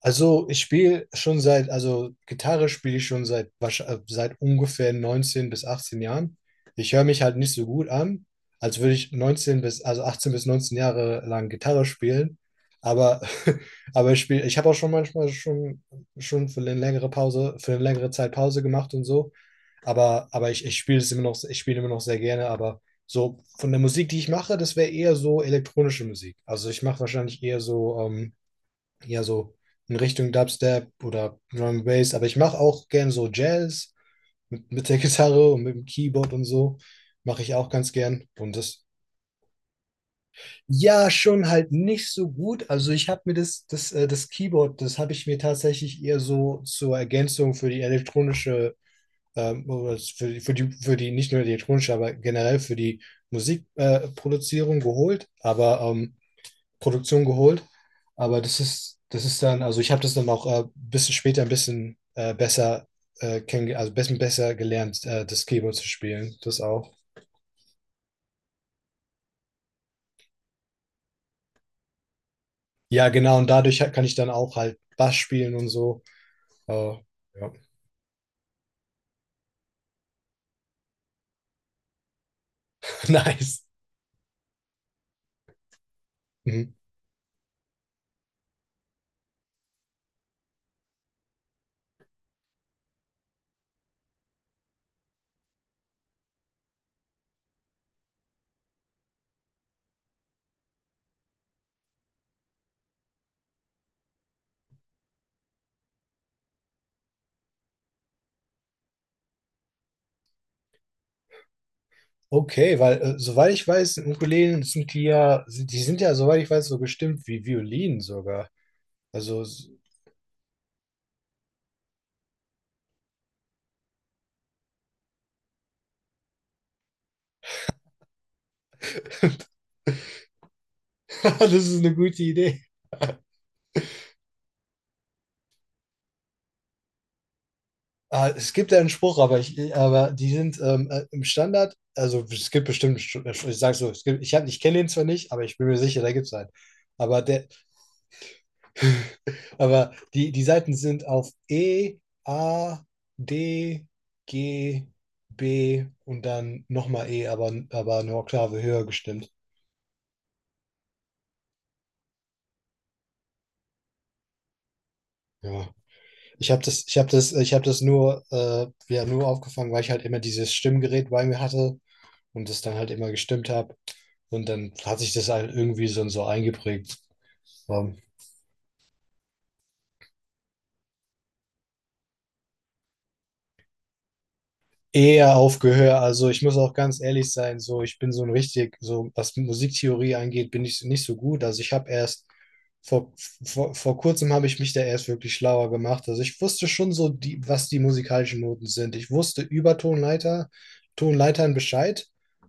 Also ich spiele schon seit, also Gitarre spiele ich schon seit, seit ungefähr 19 bis 18 Jahren. Ich höre mich halt nicht so gut an, als würde ich 19 bis, also 18 bis 19 Jahre lang Gitarre spielen. Aber, aber ich spiele, ich habe auch schon manchmal schon für eine längere Pause, für eine längere Zeit Pause gemacht und so. Aber ich spiele es immer noch, ich spiele immer noch sehr gerne. Aber so von der Musik, die ich mache, das wäre eher so elektronische Musik. Also ich mache wahrscheinlich eher so, ja so in Richtung Dubstep oder Drum and Bass, aber ich mache auch gern so Jazz mit der Gitarre und mit dem Keyboard und so. Mache ich auch ganz gern. Und das, ja, schon halt nicht so gut. Also ich habe mir das Keyboard, das habe ich mir tatsächlich eher so zur Ergänzung für die elektronische, oder für, für die nicht nur die elektronische, aber generell für die Musikproduzierung, Produzierung geholt. Aber Produktion geholt. Aber das ist dann, also ich habe das dann auch ein bisschen später ein bisschen besser, also ein bisschen besser gelernt, das Keyboard zu spielen. Das auch. Ja, genau, und dadurch kann ich dann auch halt Bass spielen und so. Äh, ja. Nice. Mhm. Okay, weil soweit ich weiß, Ukulelen sind die ja, sind, die sind ja, soweit ich weiß, so gestimmt wie Violinen sogar. Also, das ist eine gute Idee. Ah, es gibt ja einen Spruch, aber die sind im Standard. Also es gibt bestimmt, einen ich sag so, es gibt, ich kenne den zwar nicht, aber ich bin mir sicher, da gibt es einen. Aber der, aber die, die Seiten sind auf E, A, D, G, B und dann nochmal E, aber eine Oktave höher gestimmt. Ja. Ich habe das, ich habe das, ich habe das nur, ja, nur aufgefangen, weil ich halt immer dieses Stimmgerät bei mir hatte und das dann halt immer gestimmt habe. Und dann hat sich das halt irgendwie so eingeprägt. War eher auf Gehör. Also ich muss auch ganz ehrlich sein, so ich bin so ein richtig, so was Musiktheorie angeht, bin ich nicht so gut. Also ich habe erst vor, vor kurzem habe ich mich da erst wirklich schlauer gemacht. Also ich wusste schon so die, was die musikalischen Noten sind. Ich wusste über Tonleiter, Tonleitern Bescheid,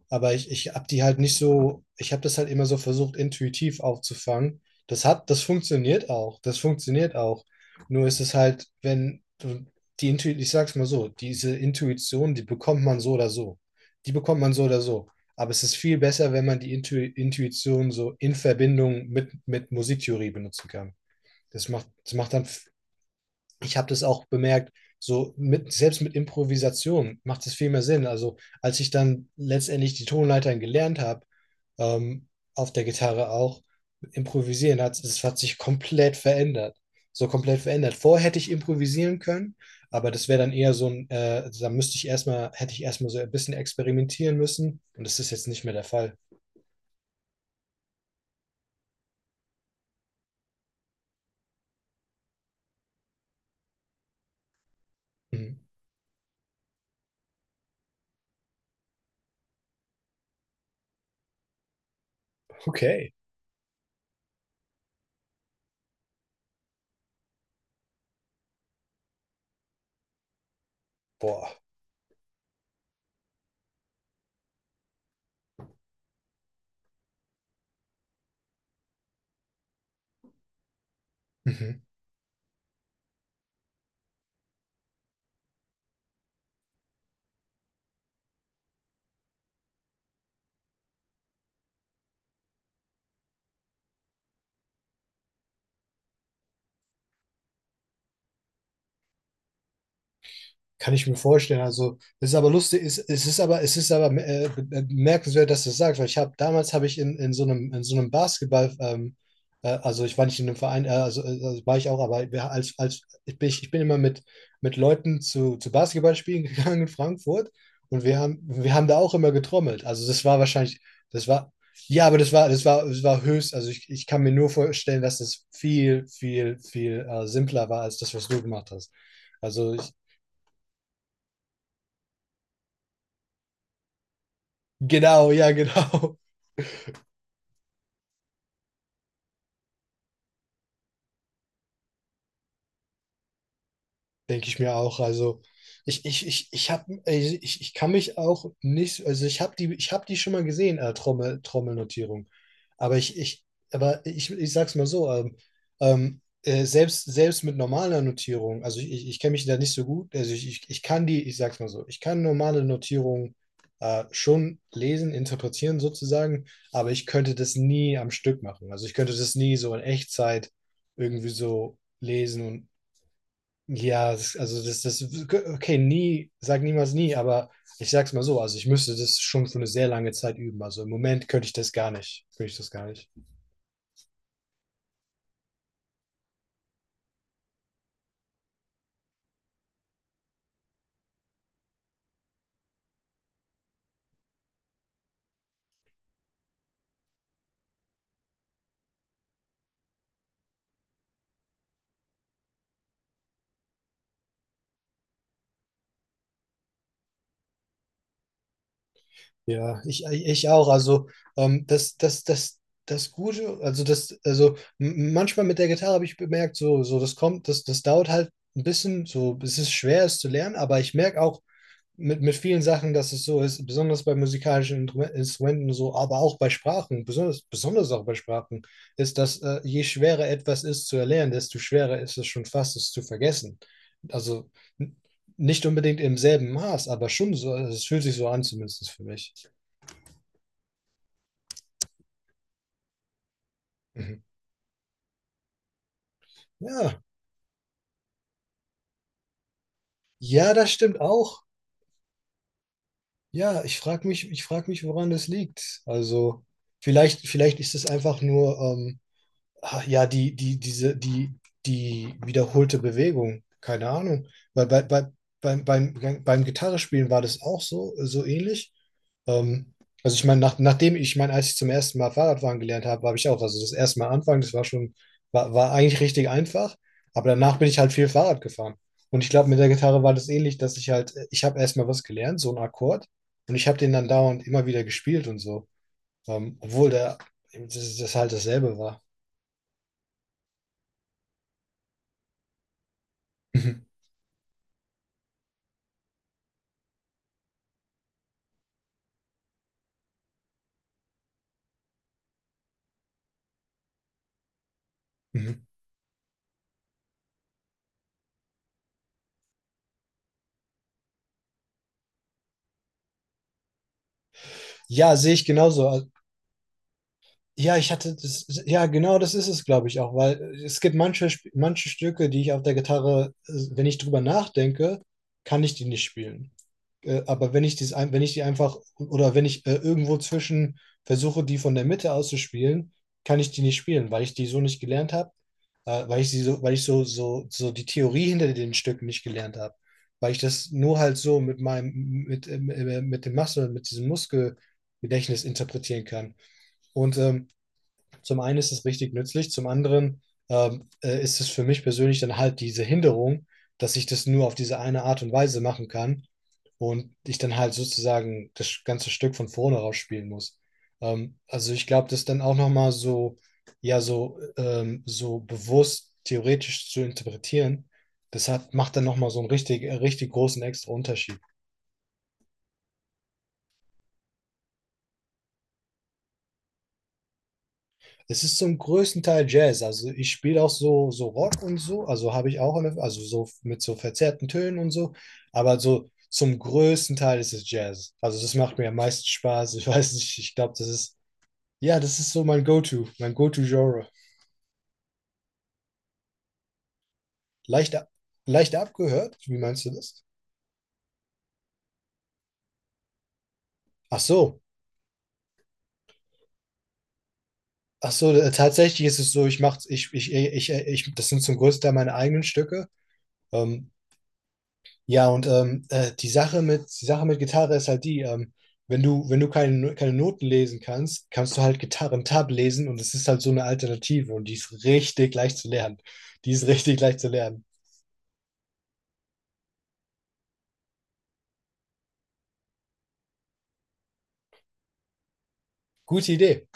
aber ich habe die halt nicht so, ich habe das halt immer so versucht, intuitiv aufzufangen. Das hat, das funktioniert auch. Das funktioniert auch. Nur ist es halt, wenn, die Intuition, ich sag's mal so, diese Intuition, die bekommt man so oder so. Die bekommt man so oder so. Aber es ist viel besser, wenn man die Intuition so in Verbindung mit Musiktheorie benutzen kann. Das macht dann. Ich habe das auch bemerkt, so mit, selbst mit Improvisation macht es viel mehr Sinn. Also als ich dann letztendlich die Tonleitern gelernt habe, ähm, auf der Gitarre auch, improvisieren hat, es hat sich komplett verändert. So komplett verändert. Vorher hätte ich improvisieren können, aber das wäre dann eher so ein, da müsste ich erstmal, hätte ich erstmal so ein bisschen experimentieren müssen und das ist jetzt nicht mehr der Fall. Mhm. Okay. Boah. Mhm. Kann ich mir vorstellen. Also, es ist aber lustig, es ist aber bemerkenswert, dass du das sagst, weil ich habe damals habe ich in so einem Basketball, also ich war nicht in einem Verein, also war ich auch, aber als, als ich bin immer mit Leuten zu Basketballspielen gegangen in Frankfurt und wir haben da auch immer getrommelt. Also das war wahrscheinlich, das war, ja, aber das war höchst, also ich kann mir nur vorstellen, dass das viel simpler war als das, was du gemacht hast. Also ich. Genau, ja, genau. Denke ich mir auch. Also ich habe, ich kann mich auch nicht, also ich habe die schon mal gesehen, Trommel, Trommelnotierung. Aber ich, ich, aber ich sag's mal so, selbst mit normaler Notierung, also ich kenne mich da nicht so gut, also ich kann die, ich sag's mal so, ich kann normale Notierung schon lesen, interpretieren sozusagen, aber ich könnte das nie am Stück machen. Also ich könnte das nie so in Echtzeit irgendwie so lesen. Ja, das, also das, das, okay. Nie, sag niemals nie, aber ich sag's mal so, also ich müsste das schon für eine sehr lange Zeit üben. Also im Moment könnte ich das gar nicht. Könnte ich das gar nicht. Ja, ich auch. Also ähm, das, das, das, das Gute, also das, also manchmal mit der Gitarre habe ich bemerkt, so, so das kommt, das, das dauert halt ein bisschen, so, es ist schwer, es zu lernen, aber ich merke auch, mit vielen Sachen, dass es so ist, besonders bei musikalischen Instrumenten so, aber auch bei Sprachen, besonders auch bei Sprachen, ist, dass je schwerer etwas ist zu erlernen, desto schwerer ist es schon fast, es zu vergessen. Also nicht unbedingt im selben Maß, aber schon so, also es fühlt sich so an, zumindest für mich. Mhm. Ja, ja, das stimmt auch. Ja, ich frage mich, woran das liegt. Also vielleicht ist es einfach nur, ah, ja, die, die wiederholte Bewegung, keine Ahnung. Weil beim Gitarrespielen war das auch so, so ähnlich. Ähm, also ich meine, nachdem ich, ich meine, als ich zum ersten Mal Fahrradfahren gelernt habe, habe ich auch, also das erste Mal anfangen, das war schon, war, war eigentlich richtig einfach, aber danach bin ich halt viel Fahrrad gefahren. Und ich glaube, mit der Gitarre war das ähnlich, dass ich halt, ich habe erstmal was gelernt, so einen Akkord, und ich habe den dann dauernd immer wieder gespielt und so. Obwohl der, das, das halt dasselbe war. Ja, sehe ich genauso. Also, ja, ich hatte das, ja, genau das ist es, glaube ich, auch, weil es gibt manche, manche Stücke, die ich auf der Gitarre, wenn ich drüber nachdenke, kann ich die nicht spielen. Aber wenn ich, dies ein, wenn ich die einfach oder wenn ich irgendwo zwischen versuche, die von der Mitte aus zu spielen, kann ich die nicht spielen, weil ich die so nicht gelernt habe, weil ich sie so, weil ich so, so die Theorie hinter den Stücken nicht gelernt habe. Weil ich das nur halt so mit meinem, mit dem Muscle, mit diesem Muskelgedächtnis interpretieren kann. Und zum einen ist es richtig nützlich, zum anderen ist es für mich persönlich dann halt diese Hinderung, dass ich das nur auf diese eine Art und Weise machen kann und ich dann halt sozusagen das ganze Stück von vorne raus spielen muss. Also ich glaube, das dann auch nochmal so, ja, so, so bewusst theoretisch zu interpretieren, das hat, macht dann nochmal so einen richtig, richtig großen extra Unterschied. Es ist zum größten Teil Jazz. Also ich spiele auch so, so Rock und so. Also habe ich auch, eine, also so mit so verzerrten Tönen und so. Aber so zum größten Teil ist es Jazz. Also das macht mir am meisten Spaß. Ich weiß nicht, ich glaube, das ist, ja, das ist so mein Go-To, mein Go-To-Genre. Leicht, leicht abgehört? Wie meinst du das? Ach so. Ach so, tatsächlich ist es so, ich mache, ich, das sind zum größten Teil meine eigenen Stücke. Ähm, Ja, und die Sache mit Gitarre ist halt die, wenn du, wenn du keine, keine Noten lesen kannst, kannst du halt Gitarren-Tab lesen und es ist halt so eine Alternative und die ist richtig leicht zu lernen. Die ist richtig leicht zu lernen. Gute Idee.